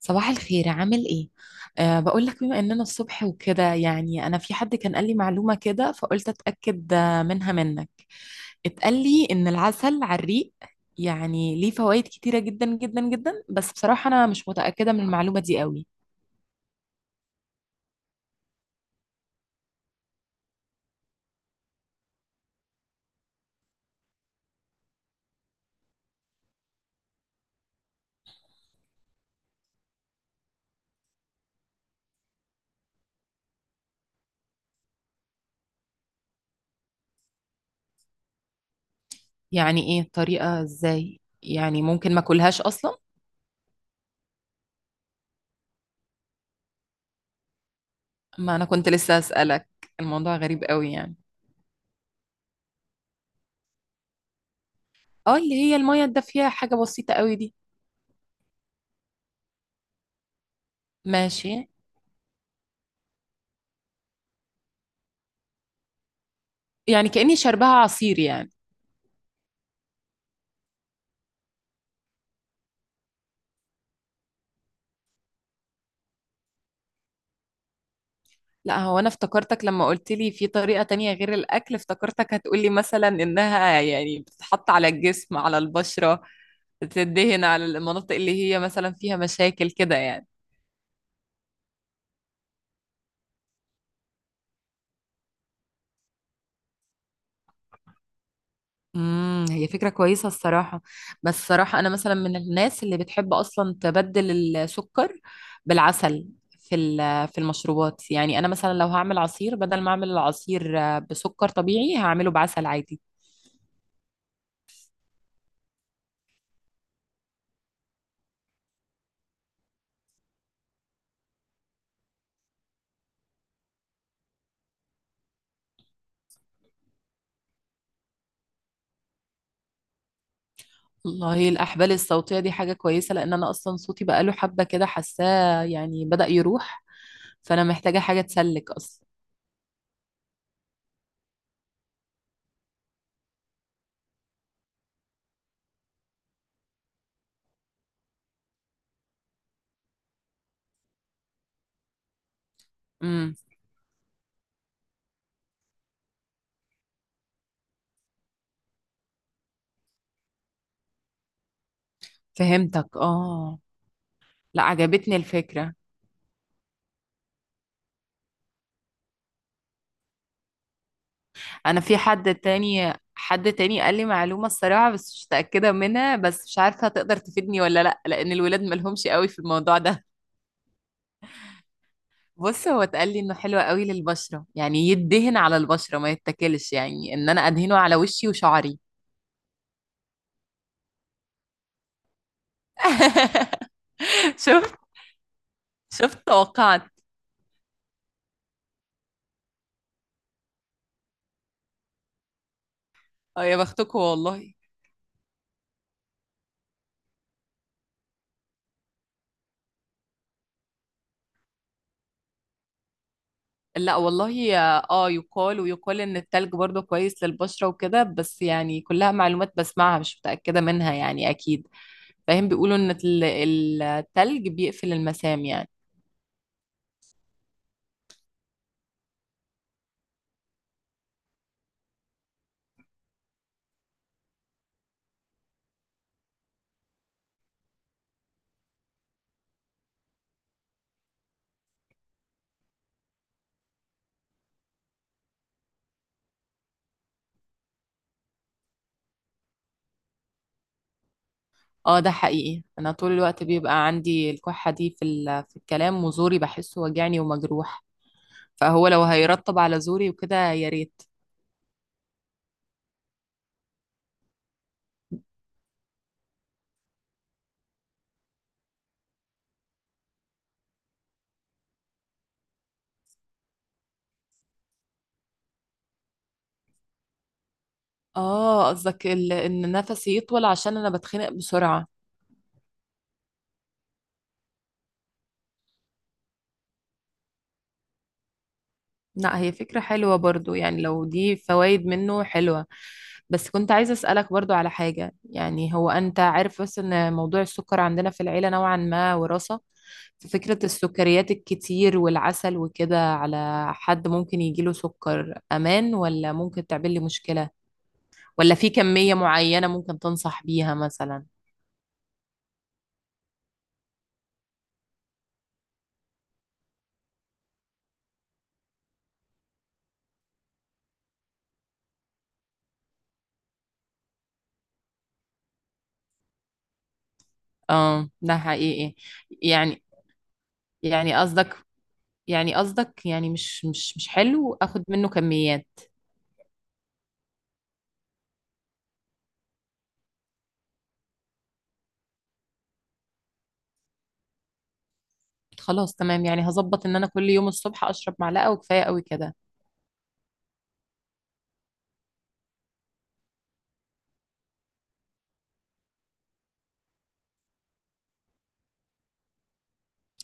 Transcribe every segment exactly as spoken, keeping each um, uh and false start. صباح الخير، عامل ايه؟ أه بقول لك بما اننا الصبح وكده، يعني انا في حد كان قال لي معلومة كده فقلت اتأكد آه، منها منك. اتقال لي ان العسل على الريق يعني ليه فوائد كتيرة جدا جدا جدا، بس بصراحة انا مش متأكدة من المعلومة دي قوي. يعني ايه الطريقة؟ ازاي؟ يعني ممكن ما اكلهاش اصلا؟ ما انا كنت لسه اسألك. الموضوع غريب قوي يعني. اه، اللي هي المية الدافية، حاجة بسيطة قوي دي. ماشي. يعني كأني شربها عصير يعني. لا، هو انا افتكرتك لما قلت لي في طريقة تانية غير الاكل، افتكرتك هتقولي مثلا انها يعني بتتحط على الجسم، على البشرة، تدهن على المناطق اللي هي مثلا فيها مشاكل كده يعني. امم هي فكرة كويسة الصراحة. بس الصراحة انا مثلا من الناس اللي بتحب اصلا تبدل السكر بالعسل في ال- في المشروبات. يعني انا مثلا لو هعمل عصير، بدل ما اعمل العصير آه، بسكر طبيعي، هعمله بعسل عادي. والله الأحبال الصوتية دي حاجة كويسة، لأن أنا أصلا صوتي بقاله حبة كده حاساه يعني بدأ يروح، فأنا محتاجة حاجة تسلك أصلا. امم فهمتك، آه. لا، عجبتني الفكرة. أنا في حد تاني، حد تاني قال لي معلومة الصراحة، بس مش متأكدة منها، بس مش عارفة هتقدر تفيدني ولا لأ، لأن الولاد مالهمش قوي في الموضوع ده. بص، هو اتقال لي إنه حلو قوي للبشرة، يعني يدهن على البشرة ما يتاكلش، يعني إن أنا أدهنه على وشي وشعري. شفت، شفت توقعت. اه يا بختكم والله. لا والله. اه، يقال ويقال ان التلج برضه كويس للبشرة وكده، بس يعني كلها معلومات بسمعها مش متأكدة منها يعني اكيد. فاهم، بيقولوا ان ال- ال- التلج بيقفل المسام يعني. اه ده حقيقي، انا طول الوقت بيبقى عندي الكحة دي في ال- في الكلام، وزوري بحسه وجعني ومجروح، فهو لو هيرطب على زوري وكده يا ريت. اه، قصدك ال- ان نفسي يطول، عشان انا بتخنق بسرعة. لا، هي فكرة حلوة برضو، يعني لو دي فوائد منه حلوة. بس كنت عايزة أسألك برضو على حاجة، يعني هو أنت عارف بس إن موضوع السكر عندنا في العيلة نوعا ما وراثة، ففكرة السكريات الكتير والعسل وكده على حد ممكن يجيله سكر، أمان ولا ممكن تعمل لي مشكلة؟ ولا في كمية معينة ممكن تنصح بيها مثلا؟ اه ده حقيقي. يعني، يعني قصدك، يعني قصدك يعني مش مش مش حلو اخد منه كميات. خلاص تمام، يعني هظبط ان انا كل يوم الصبح اشرب معلقه وكفايه قوي كده.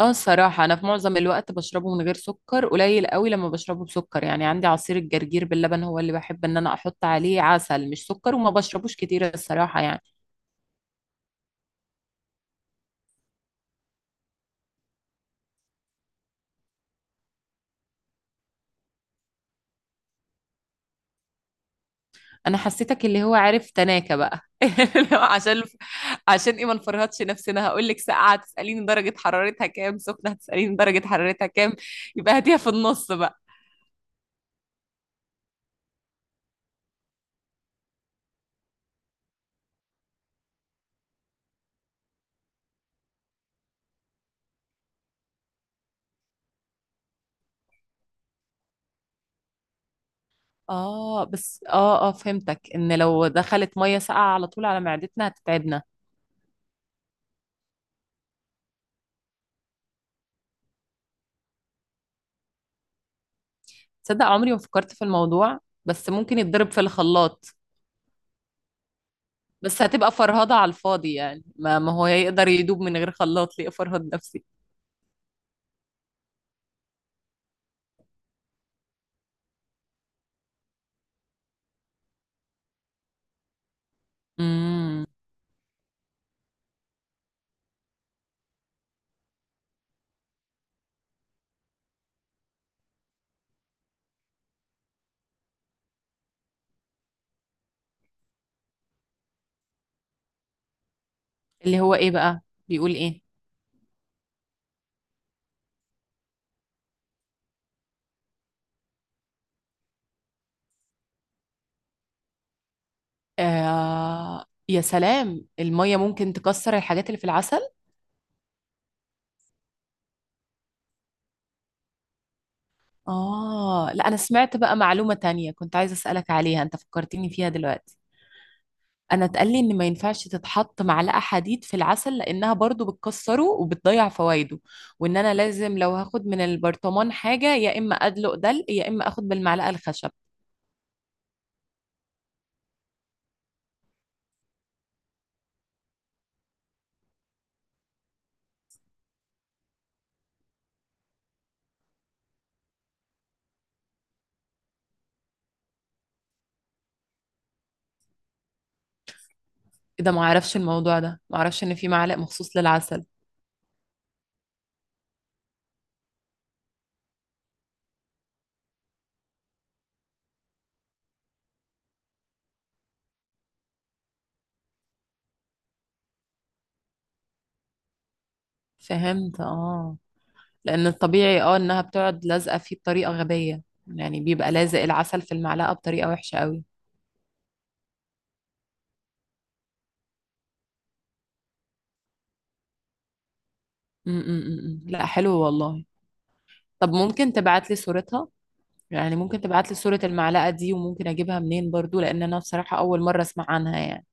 اه الصراحه انا في معظم الوقت بشربه من غير سكر، قليل قوي لما بشربه بسكر. يعني عندي عصير الجرجير باللبن هو اللي بحب ان انا احط عليه عسل مش سكر، وما بشربوش كتير الصراحه يعني. انا حسيتك اللي هو عارف تناكة بقى. لو عشان، عشان ايه؟ ما نفرهدش نفسنا، هقول لك ساقعه تساليني درجه حرارتها كام، سخنه هتساليني درجه حرارتها كام، يبقى هاتيها في النص بقى. اه بس، اه اه فهمتك، ان لو دخلت ميه ساقعه على طول على معدتنا هتتعبنا. تصدق عمري ما فكرت في الموضوع؟ بس ممكن يتضرب في الخلاط. بس هتبقى فرهضة على الفاضي يعني، ما, ما هو يقدر يدوب من غير خلاط، ليه افرهد نفسي. امم اللي هو ايه بقى، بيقول ايه؟ آه يا سلام، الميه ممكن تكسر الحاجات اللي في العسل. اه، لا انا سمعت بقى معلومة تانية كنت عايزة اسألك عليها، انت فكرتيني فيها دلوقتي. انا اتقال لي ان ما ينفعش تتحط معلقه حديد في العسل، لانها برضو بتكسره وبتضيع فوائده، وان انا لازم لو هاخد من البرطمان حاجه يا اما ادلق دلق، يا اما اخد بالمعلقه الخشب. إيه ده، ما اعرفش الموضوع ده، ما اعرفش ان في معلق مخصوص للعسل. فهمت، اه. لان الطبيعي اه انها بتقعد لازقه فيه بطريقه غبيه، يعني بيبقى لازق العسل في المعلقه بطريقه وحشه قوي. م -م -م. م. لا حلو والله. طب ممكن تبعت لي صورتها؟ يعني ممكن تبعت لي صورة المعلقة دي، وممكن اجيبها منين برضو، لان انا بصراحة اول مرة اسمع عنها يعني.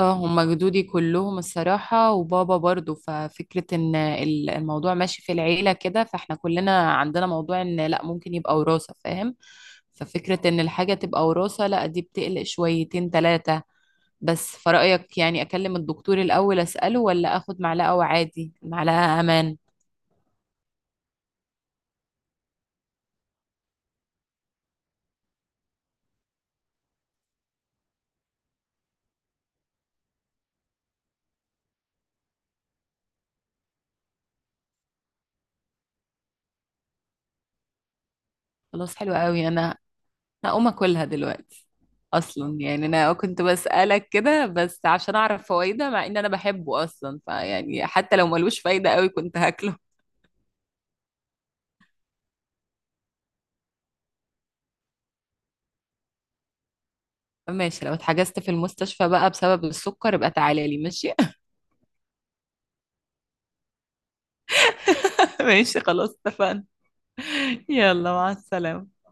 اه، هما جدودي كلهم الصراحة وبابا برضو، ففكرة ان ال- الموضوع ماشي في العيلة كده، فاحنا كلنا عندنا موضوع ان لا ممكن يبقى وراثة، فاهم. ففكرة ان الحاجة تبقى وراثة لا، دي بتقلق شويتين تلاتة. بس فرأيك يعني اكلم الدكتور الاول اسأله، ولا اخد معلقة وعادي المعلقة امان؟ خلاص حلو قوي، انا هقوم اكلها دلوقتي. اصلا يعني انا كنت بسألك كده بس عشان اعرف فوائده، مع ان انا بحبه اصلا، فيعني حتى لو ملوش فايده قوي كنت هاكله. ماشي، لو اتحجزت في المستشفى بقى بسبب السكر يبقى تعالى لي، ماشي. ماشي خلاص، اتفقنا. يلا مع السلامة.